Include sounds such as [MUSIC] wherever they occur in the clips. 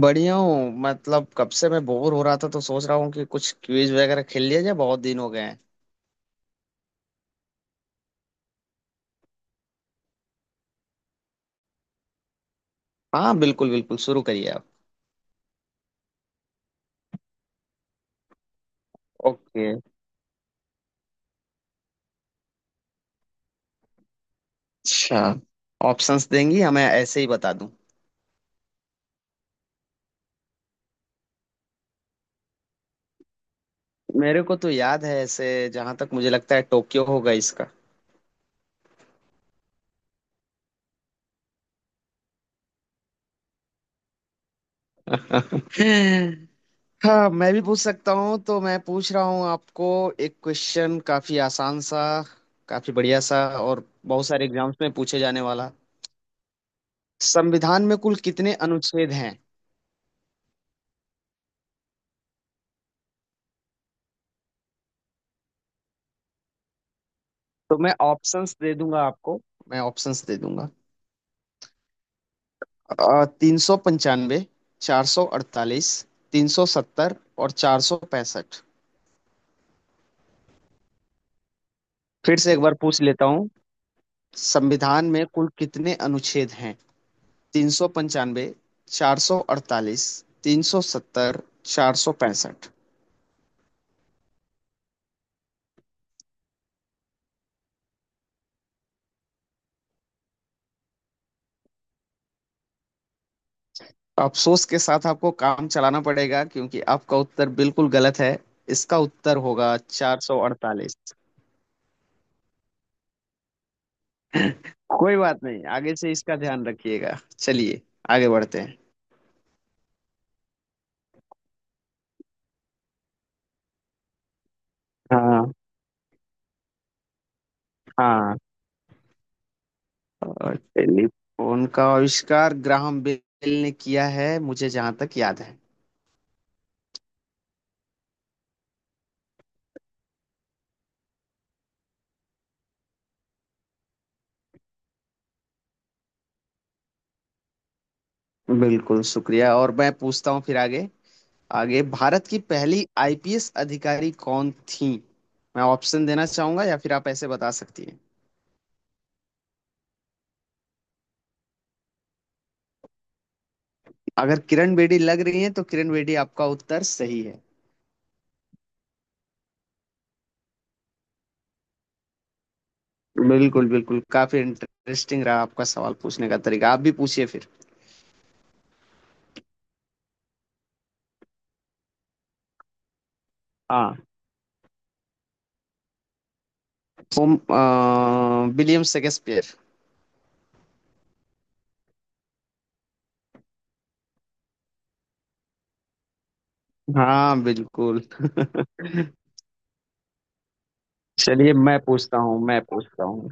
बढ़िया हूँ। मतलब कब से मैं बोर हो रहा था, तो सोच रहा हूँ कि कुछ क्विज वगैरह खेल लिया जाए, बहुत दिन हो गए हैं। हाँ बिल्कुल बिल्कुल, शुरू करिए आप। ओके। अच्छा, ऑप्शंस देंगी हमें ऐसे ही बता दूं? मेरे को तो याद है ऐसे। जहां तक मुझे लगता है टोक्यो होगा इसका। [LAUGHS] हाँ, मैं भी पूछ सकता हूँ तो मैं पूछ रहा हूँ आपको। एक क्वेश्चन, काफी आसान सा, काफी बढ़िया सा और बहुत सारे एग्जाम्स में पूछे जाने वाला। संविधान में कुल कितने अनुच्छेद हैं? तो मैं ऑप्शंस दे दूंगा आपको। मैं ऑप्शंस दे दूंगा। 395। 448। 370। और 465। फिर से एक बार पूछ लेता हूँ। संविधान में कुल कितने अनुच्छेद हैं? 395। चार सौ अड़तालीस। तीन सौ सत्तर। 465। अफसोस के साथ आपको काम चलाना पड़ेगा, क्योंकि आपका उत्तर बिल्कुल गलत है। इसका उत्तर होगा 448। कोई बात नहीं, आगे से इसका ध्यान रखिएगा। चलिए आगे बढ़ते हैं। हाँ हाँ। और टेलीफोन का आविष्कार ग्राहम बेल ने किया है, मुझे जहां तक याद है। बिल्कुल शुक्रिया। और मैं पूछता हूँ फिर आगे। आगे, भारत की पहली आईपीएस अधिकारी कौन थी? मैं ऑप्शन देना चाहूंगा या फिर आप ऐसे बता सकती हैं। अगर किरण बेदी लग रही हैं तो किरण बेदी आपका उत्तर सही है। बिल्कुल बिल्कुल। काफी इंटरेस्टिंग रहा आपका सवाल पूछने का तरीका। आप भी पूछिए फिर। हाँ। William Shakespeare. हाँ बिल्कुल। [LAUGHS] चलिए मैं पूछता हूँ, मैं पूछता हूँ।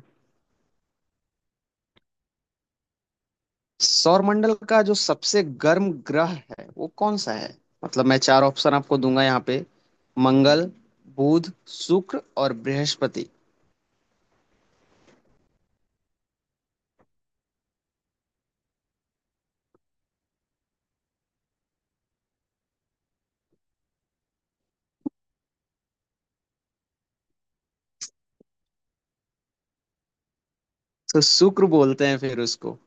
सौरमंडल का जो सबसे गर्म ग्रह है वो कौन सा है? मतलब मैं चार ऑप्शन आपको दूंगा यहाँ पे। मंगल, बुध, शुक्र और बृहस्पति। तो शुक्र बोलते हैं फिर उसको।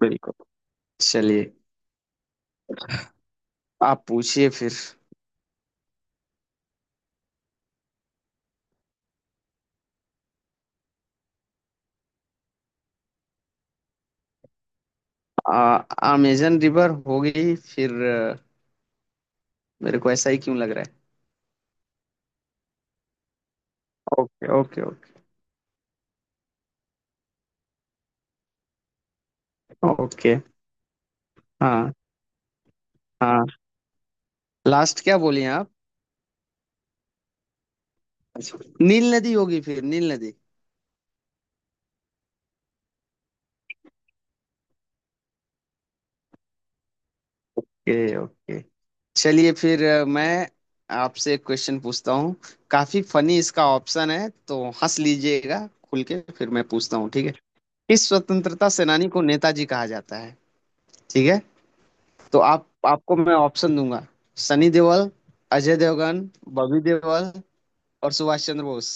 बिल्कुल। चलिए आप पूछिए फिर। अमेजन रिवर होगी फिर। मेरे को ऐसा ही क्यों लग रहा है। Okay okay okay. ओके। हाँ। हाँ। लास्ट क्या बोलिए आप? अच्छा, नील नदी होगी फिर। नील नदी। Okay okay. चलिए फिर मैं आपसे एक क्वेश्चन पूछता हूँ। काफी फनी इसका ऑप्शन है, तो हंस लीजिएगा खुल के फिर मैं पूछता हूँ, ठीक है? किस स्वतंत्रता सेनानी को नेताजी कहा जाता है? ठीक है। तो आप आपको मैं ऑप्शन दूंगा। सनी देओल, अजय देवगन, बॉबी देओल और सुभाष चंद्र बोस।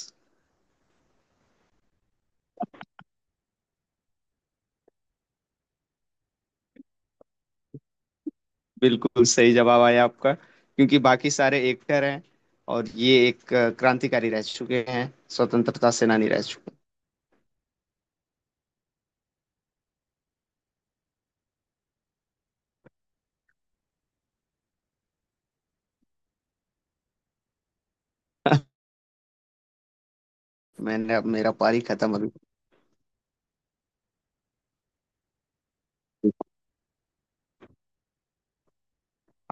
बिल्कुल सही जवाब आया आपका, क्योंकि बाकी सारे एक्टर हैं और ये एक क्रांतिकारी रह चुके हैं, स्वतंत्रता सेनानी रह चुके हैं। [LAUGHS] मैंने अब मेरा पारी खत्म अभी।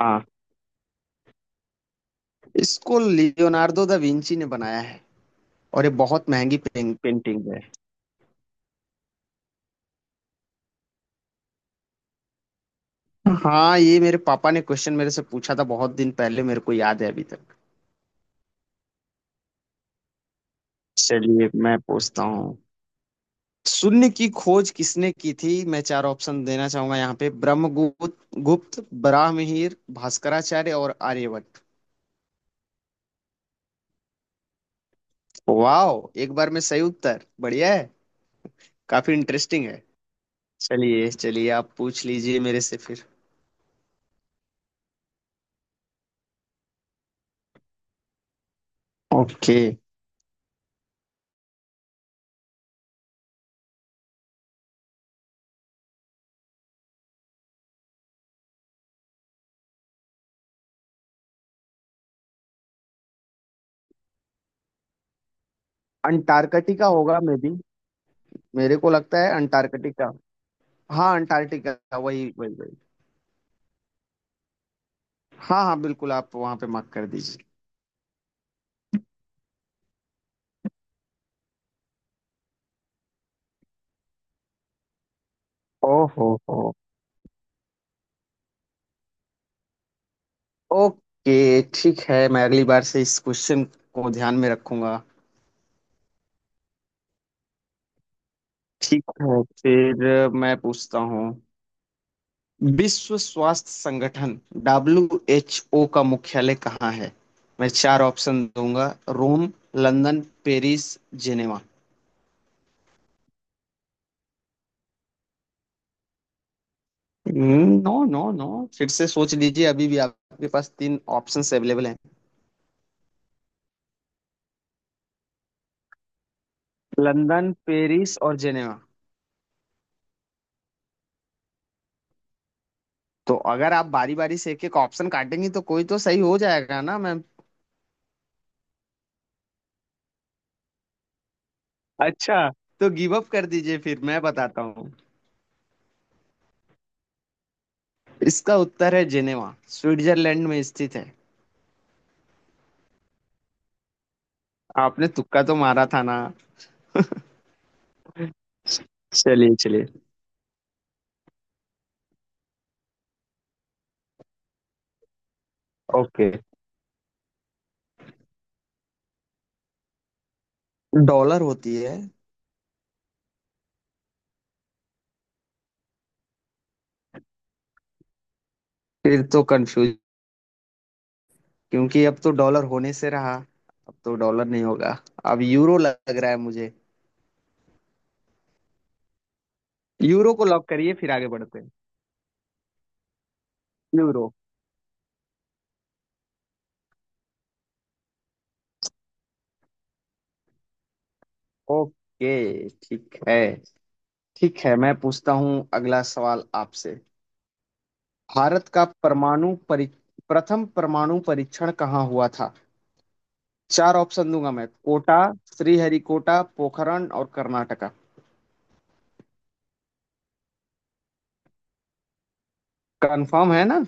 हाँ। इसको लियोनार्डो दा विंची ने बनाया है। और ये बहुत महंगी पेंटिंग है। हाँ, ये मेरे पापा ने क्वेश्चन मेरे से पूछा था बहुत दिन पहले, मेरे को याद है अभी तक। चलिए मैं पूछता हूँ। शून्य की खोज किसने की थी? मैं चार ऑप्शन देना चाहूंगा यहाँ पे। ब्रह्मगुप्त, गुप्त बराहमिहिर, भास्कराचार्य और आर्यभट्ट। वाओ, एक बार में सही उत्तर, बढ़िया है। काफी इंटरेस्टिंग है। चलिए चलिए आप पूछ लीजिए मेरे से फिर। ओके। अंटार्कटिका होगा मे बी। मेरे को लगता है अंटार्कटिका। हाँ अंटार्कटिका, वही वही वही। हाँ हाँ बिल्कुल, आप वहां पे मार्क कर दीजिए। ओहो हो। ओके ठीक है, मैं अगली बार से इस क्वेश्चन को ध्यान में रखूंगा। ठीक है, फिर मैं पूछता हूँ। विश्व स्वास्थ्य संगठन, WHO का मुख्यालय कहाँ है? मैं चार ऑप्शन दूंगा। Rome, London, Paris, Geneva. No no no. फिर से सोच लीजिए, अभी भी आपके पास तीन ऑप्शंस अवेलेबल हैं। लंदन, पेरिस और जिनेवा। तो अगर आप बारी बारी से एक एक ऑप्शन काटेंगी तो कोई तो सही हो जाएगा ना मैम। अच्छा। तो गिव अप कर दीजिए, फिर मैं बताता हूँ। इसका उत्तर है जिनेवा, स्विट्जरलैंड में स्थित है। आपने तुक्का तो मारा था ना। चलिए चलिए। ओके। डॉलर होती है। फिर तो कंफ्यूज, क्योंकि अब तो डॉलर होने से रहा। अब तो डॉलर नहीं होगा। अब यूरो लग रहा है मुझे। यूरो को लॉक करिए, फिर आगे बढ़ते हैं। यूरो। ओके। ठीक है। ठीक है, मैं पूछता हूँ अगला सवाल आपसे। भारत का परमाणु परी प्रथम परमाणु परीक्षण कहाँ हुआ था? चार ऑप्शन दूंगा मैं। कोटा, श्रीहरिकोटा, पोखरण और कर्नाटका। कंफर्म है ना?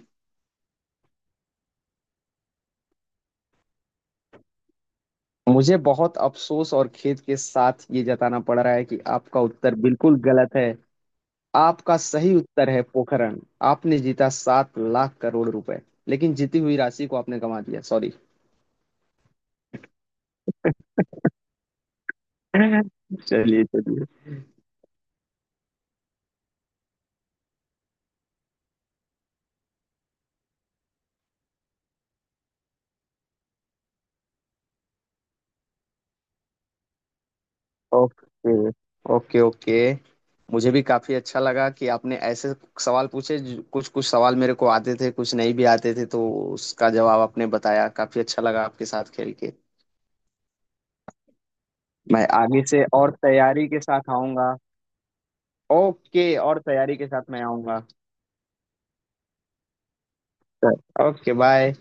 मुझे बहुत अफसोस और खेद के साथ ये जताना पड़ रहा है कि आपका उत्तर बिल्कुल गलत है। आपका सही उत्तर है पोखरण। आपने जीता 7 लाख करोड़ रुपए। लेकिन जीती हुई राशि को आपने गंवा दिया, सॉरी। [LAUGHS] चलिए चलिए। Okay okay okay. मुझे भी काफी अच्छा लगा कि आपने ऐसे सवाल पूछे कुछ कुछ सवाल मेरे को आते थे, कुछ नहीं भी आते थे, तो उसका जवाब आपने बताया। काफी अच्छा लगा आपके साथ खेल के। मैं आगे से और तैयारी के साथ आऊंगा। ओके, और तैयारी के साथ मैं आऊंगा। Okay bye.